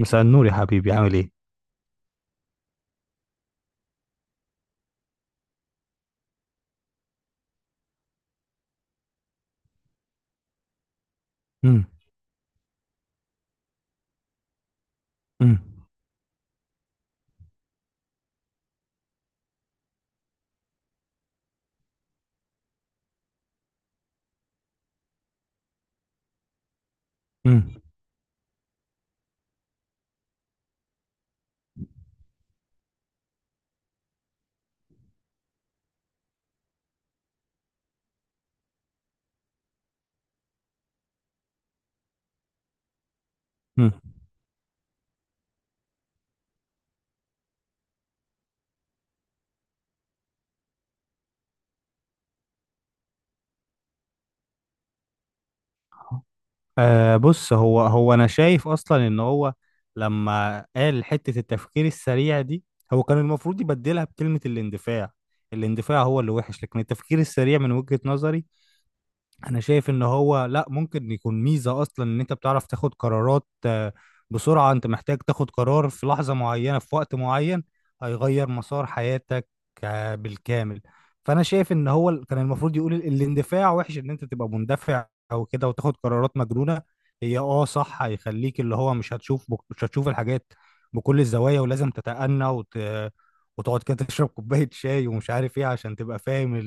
مساء النور يا حبيبي، عامل ايه؟ مم. مم. مم. مم. آه، بص، هو انا شايف اصلا ان هو لما قال حتة التفكير السريع دي، هو كان المفروض يبدلها بكلمة الاندفاع. الاندفاع هو اللي وحش، لكن التفكير السريع من وجهة نظري انا شايف ان هو لا، ممكن يكون ميزة اصلا. ان انت بتعرف تاخد قرارات بسرعة. انت محتاج تاخد قرار في لحظة معينة في وقت معين، هيغير مسار حياتك بالكامل. فانا شايف ان هو كان المفروض يقول الاندفاع وحش، ان انت تبقى مندفع او كده وتاخد قرارات مجنونة. هي اه صح، هيخليك اللي هو مش هتشوف مش هتشوف الحاجات بكل الزوايا، ولازم تتأنى وتقعد كده تشرب كوباية شاي ومش عارف ايه، عشان تبقى فاهم،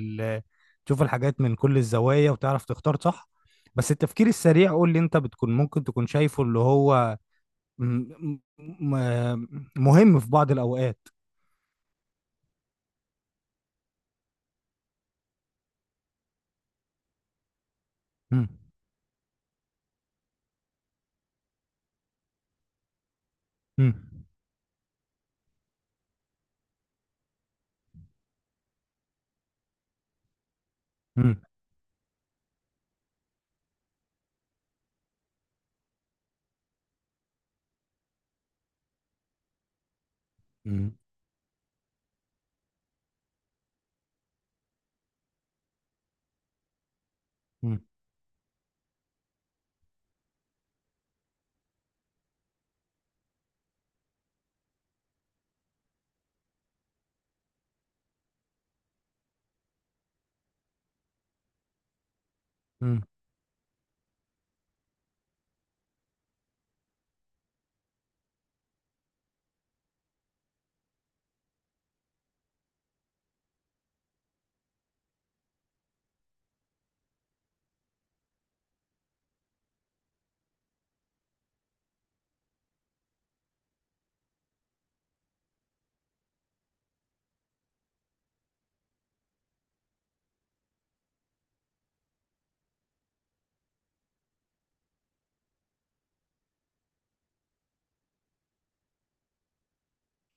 تشوف الحاجات من كل الزوايا وتعرف تختار صح. بس التفكير السريع، قول لي انت بتكون ممكن تكون شايفه اللي هو م- م- مهم في بعض الأوقات. مم. مم. مم. مم. مم.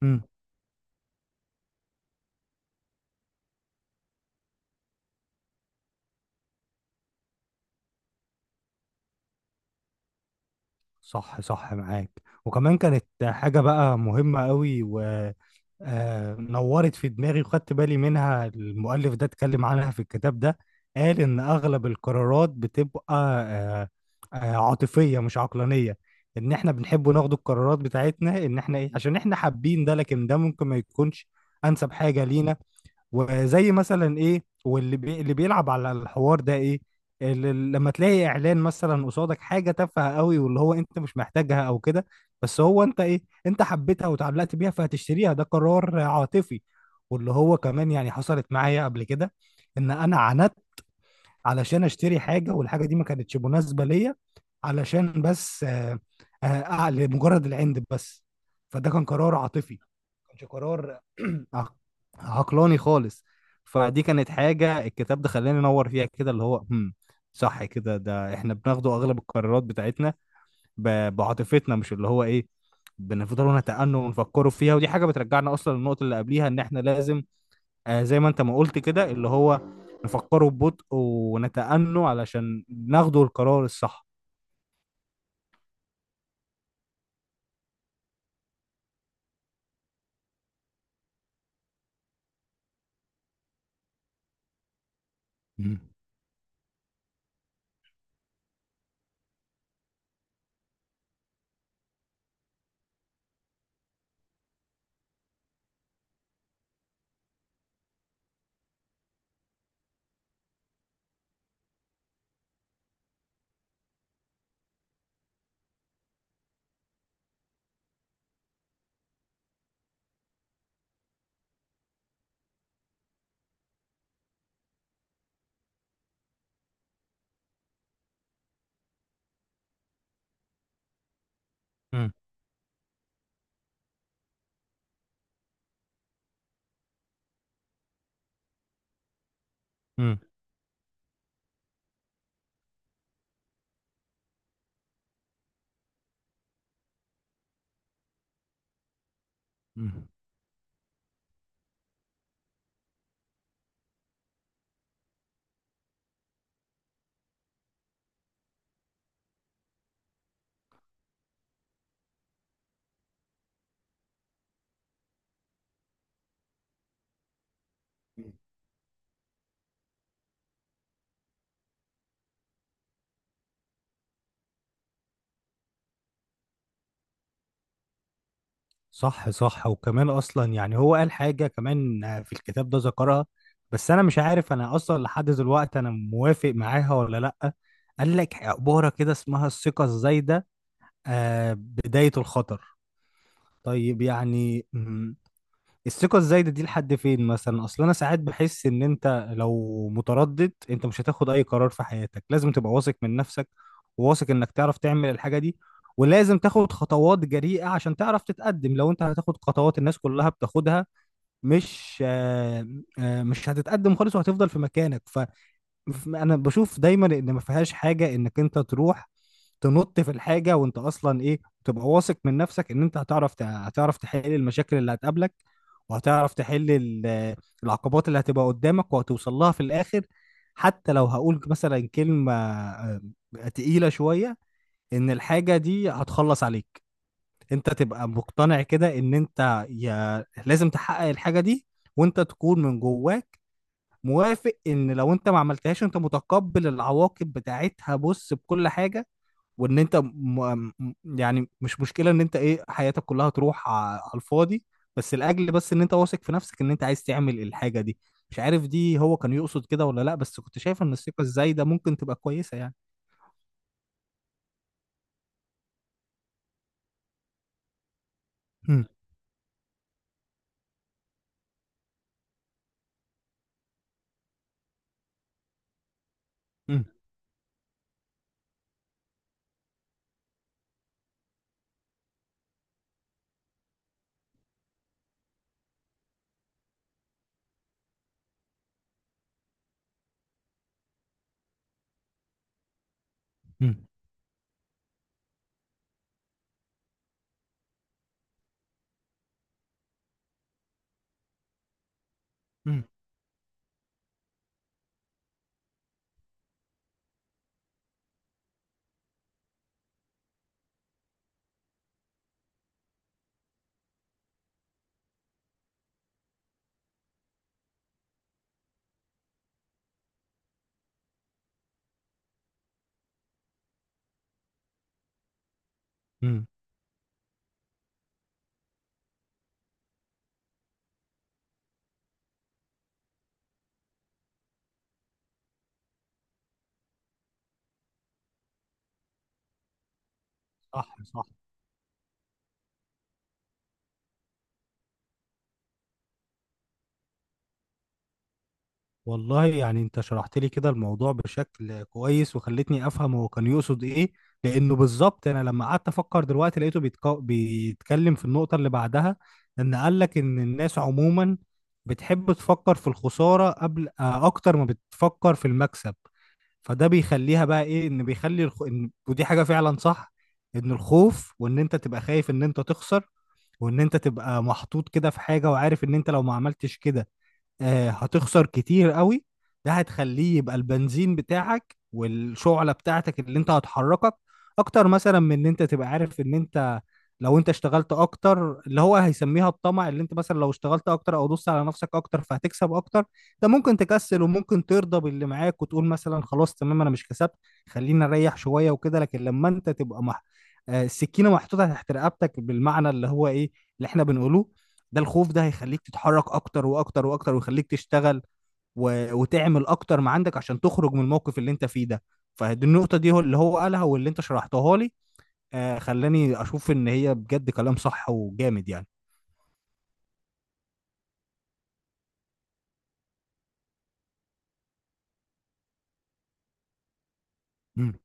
مم. صح، صح، معاك. وكمان كانت حاجة بقى مهمة قوي، و نورت في دماغي وخدت بالي منها. المؤلف ده اتكلم عنها في الكتاب ده، قال إن أغلب القرارات بتبقى عاطفية مش عقلانية. إن إحنا بنحب ناخد القرارات بتاعتنا إن إحنا إيه، عشان إحنا حابين ده، لكن ده ممكن ما يكونش أنسب حاجة لينا. وزي مثلا ايه، اللي بيلعب على الحوار ده ايه، اللي لما تلاقي اعلان مثلا قصادك حاجه تافهه قوي واللي هو انت مش محتاجها او كده، بس هو انت ايه، انت حبيتها وتعلقت بيها فهتشتريها. ده قرار عاطفي. واللي هو كمان يعني حصلت معايا قبل كده، ان انا عانت علشان اشتري حاجه والحاجه دي ما كانتش مناسبه ليا، علشان بس لمجرد العند بس. فده كان قرار عاطفي، كانش قرار عق- عقلاني خالص. فدي كانت حاجة الكتاب ده خلاني انور فيها كده، اللي هو هم صح كده، ده احنا بناخده اغلب القرارات بتاعتنا بعاطفتنا، مش اللي هو ايه بنفضلوا نتأنوا ونفكروا فيها. ودي حاجة بترجعنا اصلا للنقطة اللي قبليها، ان احنا لازم، آه، زي ما انت ما قلت كده اللي هو نفكروا ببطء ونتأنوا علشان ناخدوا القرار الصح. مم. مم. مم. مم. صح، صح. وكمان اصلا يعني هو قال حاجه كمان في الكتاب ده ذكرها، بس انا مش عارف انا اصلا لحد دلوقتي انا موافق معاها ولا لا. قال لك عباره كده اسمها الثقه الزايده، آه، بدايه الخطر. طيب، يعني الثقة الزايدة دي لحد فين مثلا؟ اصل انا ساعات بحس ان انت لو متردد انت مش هتاخد اي قرار في حياتك. لازم تبقى واثق من نفسك وواثق انك تعرف تعمل الحاجة دي، ولازم تاخد خطوات جريئة عشان تعرف تتقدم. لو انت هتاخد خطوات الناس كلها بتاخدها، مش آه، آه، مش هتتقدم خالص وهتفضل في مكانك. انا بشوف دايما ان ما فيهاش حاجه انك انت تروح تنط في الحاجه، وانت اصلا ايه، تبقى واثق من نفسك ان انت هتعرف هتعرف تحل المشاكل اللي هتقابلك وهتعرف تحل العقبات اللي هتبقى قدامك وهتوصل لها في الاخر. حتى لو هقول مثلا كلمه تقيله شويه، ان الحاجه دي هتخلص عليك، انت تبقى مقتنع كده ان انت يا لازم تحقق الحاجه دي، وانت تكون من جواك موافق ان لو انت ما عملتهاش انت متقبل العواقب بتاعتها. بص بكل حاجه، وان انت يعني مش مشكله ان انت ايه حياتك كلها تروح على الفاضي، بس لاجل بس ان انت واثق في نفسك ان انت عايز تعمل الحاجه دي. مش عارف دي هو كان يقصد كده ولا لا، بس كنت شايف ان الثقه الزايده ممكن تبقى كويسه يعني. امم. امم. امم. امم. صح. والله يعني انت شرحت لي كده الموضوع بشكل كويس وخلتني افهم هو كان يقصد ايه، لانه بالظبط انا لما قعدت افكر دلوقتي لقيته بيتكلم في النقطة اللي بعدها. ان قال لك ان الناس عموما بتحب تفكر في الخسارة قبل، اكتر ما بتفكر في المكسب. فده بيخليها بقى ايه، ان بيخلي ودي حاجة فعلا صح، ان الخوف، وان انت تبقى خايف ان انت تخسر، وان انت تبقى محطوط كده في حاجة وعارف ان انت لو ما عملتش كده هتخسر كتير قوي، ده هتخليه يبقى البنزين بتاعك والشعلة بتاعتك اللي انت هتحركك اكتر، مثلا من ان انت تبقى عارف ان انت لو انت اشتغلت اكتر اللي هو هيسميها الطمع، اللي انت مثلا لو اشتغلت اكتر او دوست على نفسك اكتر فهتكسب اكتر. ده ممكن تكسل وممكن ترضى باللي معاك وتقول مثلا خلاص تمام انا مش كسبت، خلينا نريح شوية وكده. لكن لما انت تبقى مح... آه، السكينة محطوطة تحت رقبتك بالمعنى اللي هو ايه اللي احنا بنقوله، ده الخوف ده هيخليك تتحرك اكتر واكتر واكتر، ويخليك تشتغل وتعمل اكتر ما عندك عشان تخرج من الموقف اللي انت فيه ده. فدي النقطة دي هو اللي هو قالها واللي انت شرحتها لي، آه، خلاني اشوف ان هي بجد كلام صح وجامد يعني. مم.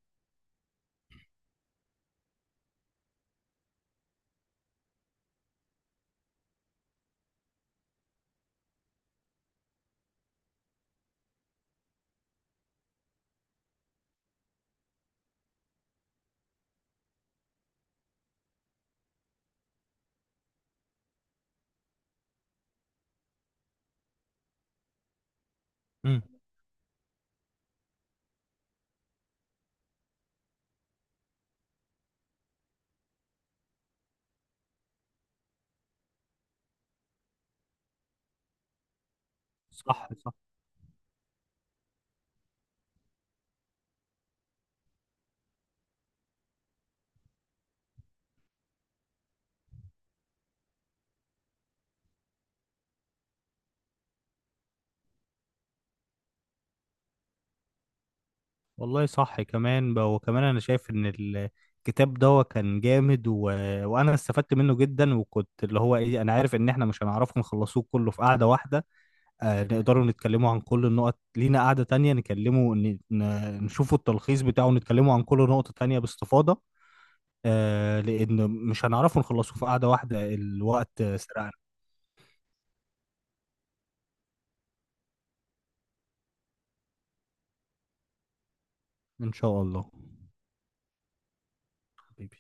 مم. صح، صح. والله صح كمان وكمان انا شايف ان الكتاب ده كان جامد وانا استفدت منه جدا. وكنت اللي هو ايه انا عارف ان احنا مش هنعرفه نخلصوه كله في قعدة واحدة، نقدروا نتكلموا عن كل النقط، لينا قعدة تانية نكلموا نشوفوا التلخيص بتاعه ونتكلموا عن كل نقطة تانية باستفاضة، لأن مش هنعرفوا نخلصوا في قعدة واحدة، الوقت سرقنا. إن شاء الله. حبيبي.